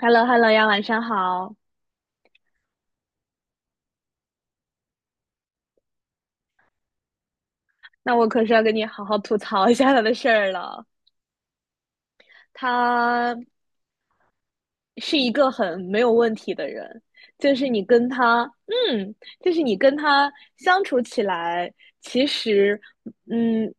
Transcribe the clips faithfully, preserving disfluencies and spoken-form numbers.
h e l l o h e l l o 呀，晚上好。那我可是要跟你好好吐槽一下他的事儿了。他是一个很没有问题的人，就是你跟他，嗯，就是你跟他相处起来，其实，嗯，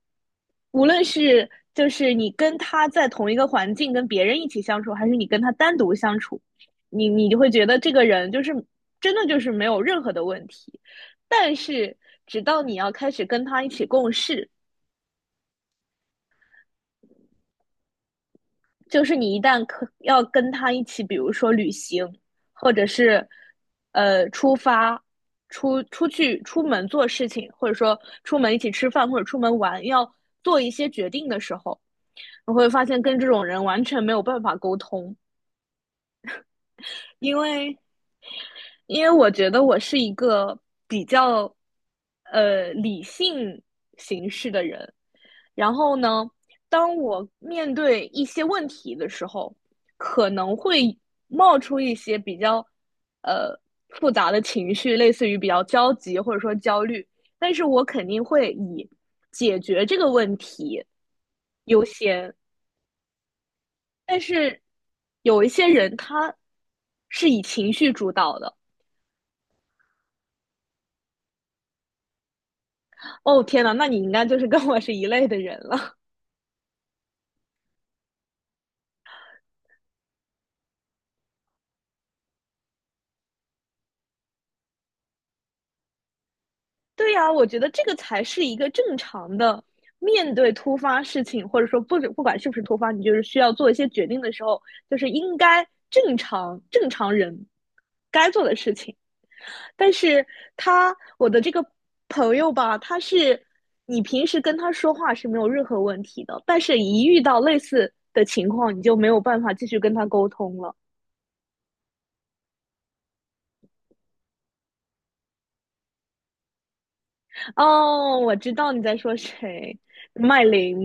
无论是就是你跟他在同一个环境跟别人一起相处，还是你跟他单独相处，你你就会觉得这个人就是真的就是没有任何的问题，但是直到你要开始跟他一起共事。就是你一旦可要跟他一起，比如说旅行，或者是呃出发、出出去、出门做事情，或者说出门一起吃饭或者出门玩，要做一些决定的时候，你会发现跟这种人完全没有办法沟通，因为因为我觉得我是一个比较呃理性形式的人，然后呢，当我面对一些问题的时候，可能会冒出一些比较呃复杂的情绪，类似于比较焦急或者说焦虑，但是我肯定会以解决这个问题优先。但是有一些人他是以情绪主导的。哦，天呐，那你应该就是跟我是一类的人了。对呀，我觉得这个才是一个正常的面对突发事情，或者说不不管是不是突发，你就是需要做一些决定的时候，就是应该正常正常人该做的事情。但是他我的这个朋友吧，他是你平时跟他说话是没有任何问题的，但是一遇到类似的情况，你就没有办法继续跟他沟通了。哦，我知道你在说谁，麦琳。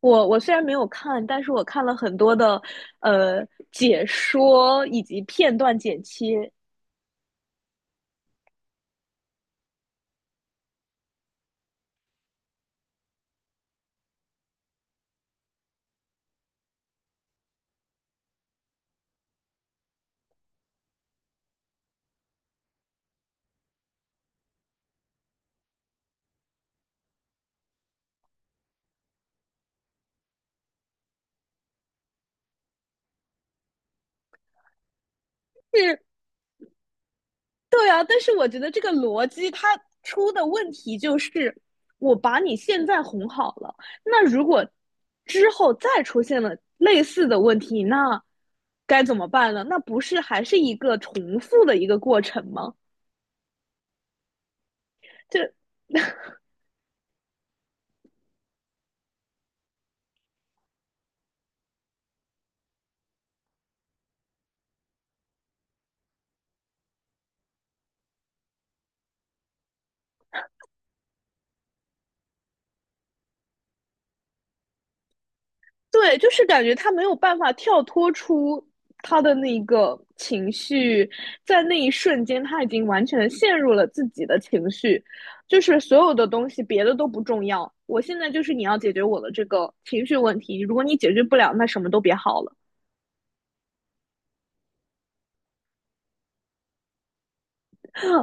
我我虽然没有看，但是我看了很多的呃解说以及片段剪切。是，对啊，但是我觉得这个逻辑它出的问题就是，我把你现在哄好了，那如果之后再出现了类似的问题，那该怎么办呢？那不是还是一个重复的一个过程吗？就。对，就是感觉他没有办法跳脱出他的那个情绪，在那一瞬间，他已经完全的陷入了自己的情绪，就是所有的东西别的都不重要。我现在就是你要解决我的这个情绪问题，如果你解决不了，那什么都别好了。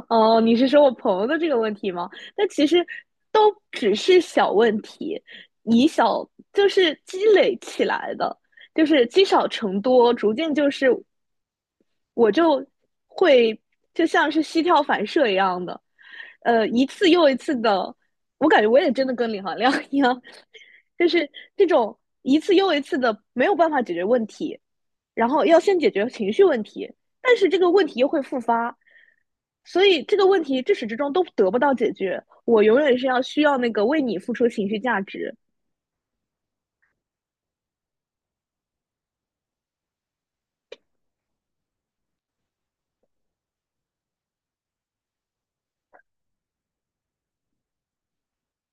哦，你是说我朋友的这个问题吗？那其实都只是小问题，以小就是积累起来的，就是积少成多，逐渐就是我就会就像是膝跳反射一样的，呃，一次又一次的，我感觉我也真的跟李行亮 一样，就是这种一次又一次的没有办法解决问题，然后要先解决情绪问题，但是这个问题又会复发，所以这个问题至始至终都得不到解决。我永远是要需要那个为你付出情绪价值。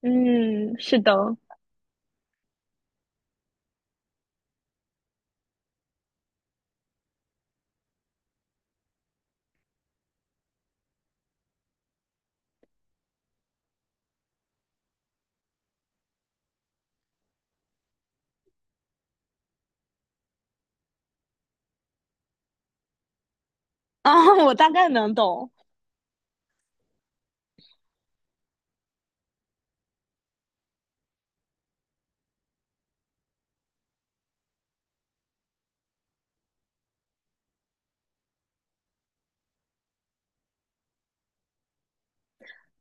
嗯，是的 啊，我大概能懂。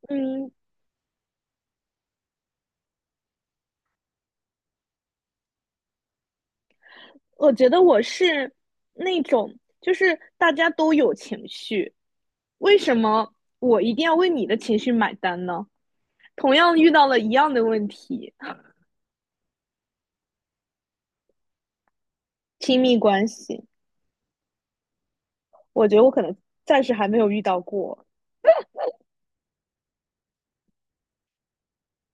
嗯，我觉得我是那种，就是大家都有情绪，为什么我一定要为你的情绪买单呢？同样遇到了一样的问题，亲密关系，我觉得我可能暂时还没有遇到过。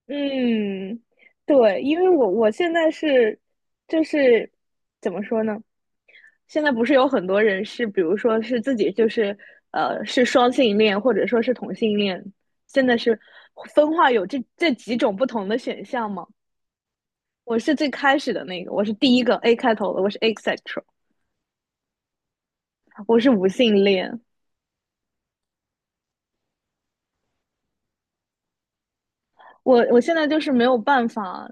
嗯，对，因为我我现在是，就是怎么说呢？现在不是有很多人是，比如说是自己就是呃是双性恋，或者说是同性恋，现在是分化有这这几种不同的选项嘛？我是最开始的那个，我是第一个 A 开头的，我是 asexual，我是无性恋。我我现在就是没有办法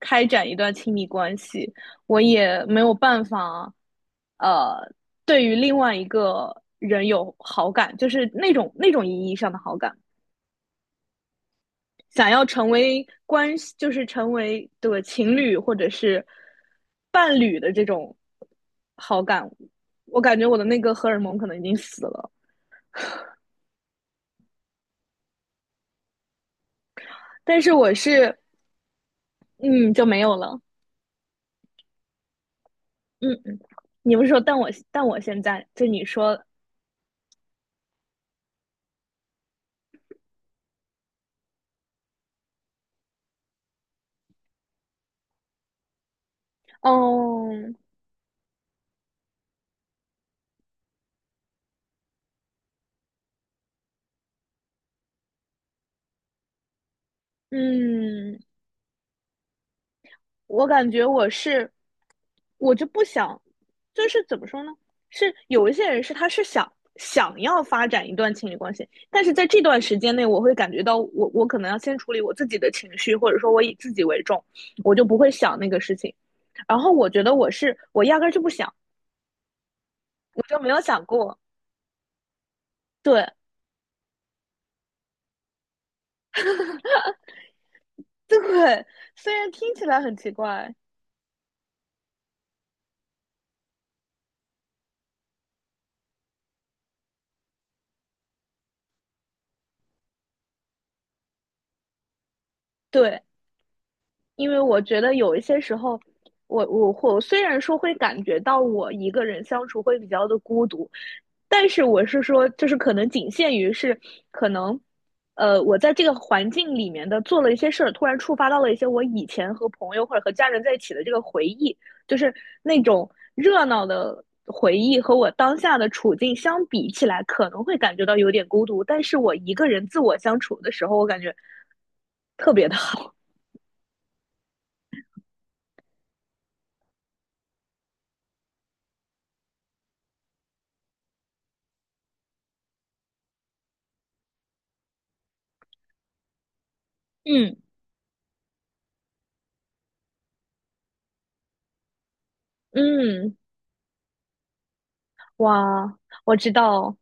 开展一段亲密关系，我也没有办法，呃，对于另外一个人有好感，就是那种那种意义上的好感。想要成为关系，就是成为这个情侣或者是伴侣的这种好感，我感觉我的那个荷尔蒙可能已经死了，但是我是嗯就没有了。嗯，你不是说但我但我现在就你说，哦。嗯，我感觉我是，我就不想，就是怎么说呢？是有一些人是他是想想要发展一段情侣关系，但是在这段时间内，我会感觉到我我可能要先处理我自己的情绪，或者说我以自己为重，我就不会想那个事情。然后我觉得我是我压根儿就不想，我就没有想过。对 对，虽然听起来很奇怪，对。因为我觉得有一些时候，我我我虽然说会感觉到我一个人相处会比较的孤独，但是我是说，就是可能仅限于是可能，呃，我在这个环境里面的做了一些事儿，突然触发到了一些我以前和朋友或者和家人在一起的这个回忆，就是那种热闹的回忆和我当下的处境相比起来，可能会感觉到有点孤独，但是我一个人自我相处的时候，我感觉特别的好。嗯。嗯，哇，我知道，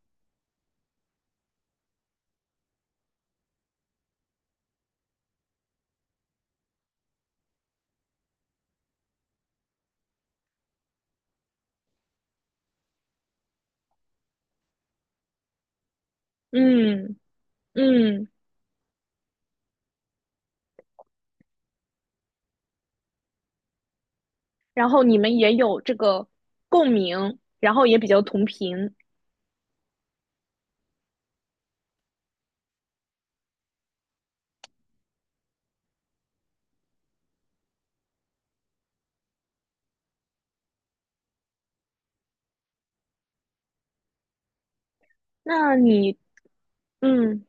嗯嗯，然后你们也有这个共鸣，然后也比较同频。那你，嗯，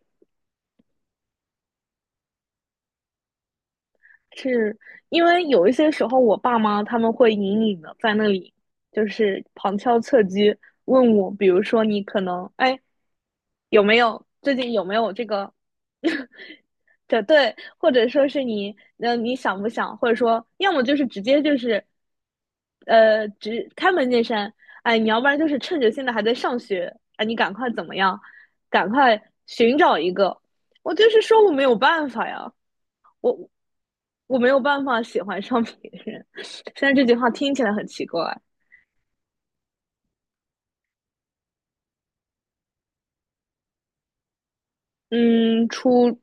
是因为有一些时候，我爸妈他们会隐隐的在那里，就是旁敲侧击问我，比如说你可能，哎，有没有最近有没有这个？对对，或者说是你，那你想不想，或者说，要么就是直接就是，呃，直开门见山，哎，你要不然就是趁着现在还在上学，哎，你赶快怎么样，赶快寻找一个。我就是说我没有办法呀，我我没有办法喜欢上别人。虽然这句话听起来很奇怪，嗯，初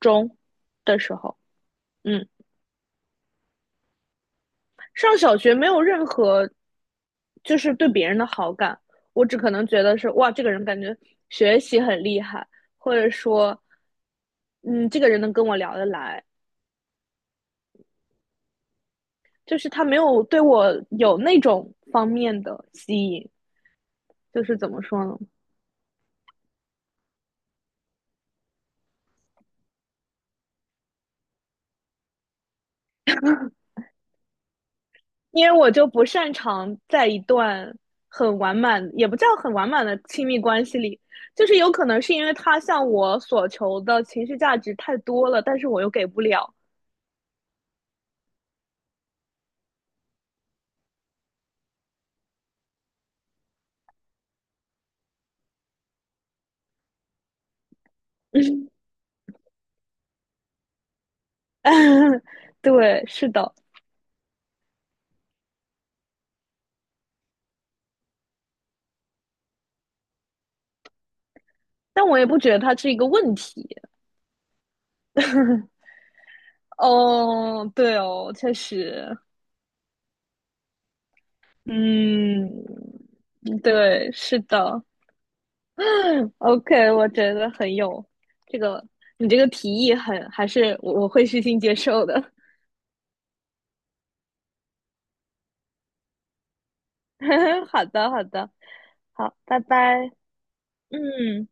中的时候，嗯。上小学没有任何就是对别人的好感，我只可能觉得是哇，这个人感觉学习很厉害，或者说，嗯，这个人能跟我聊得来，就是他没有对我有那种方面的吸引，就是怎么说呢？因为我就不擅长在一段很完满，也不叫很完满的亲密关系里，就是有可能是因为他向我所求的情绪价值太多了，但是我又给不了。对，是的，但我也不觉得它是一个问题。哦，对哦，确实，嗯，对，是的 ，OK，我觉得很有这个，你这个提议很，还是我我会虚心接受的。好的，好的，好，拜拜。嗯。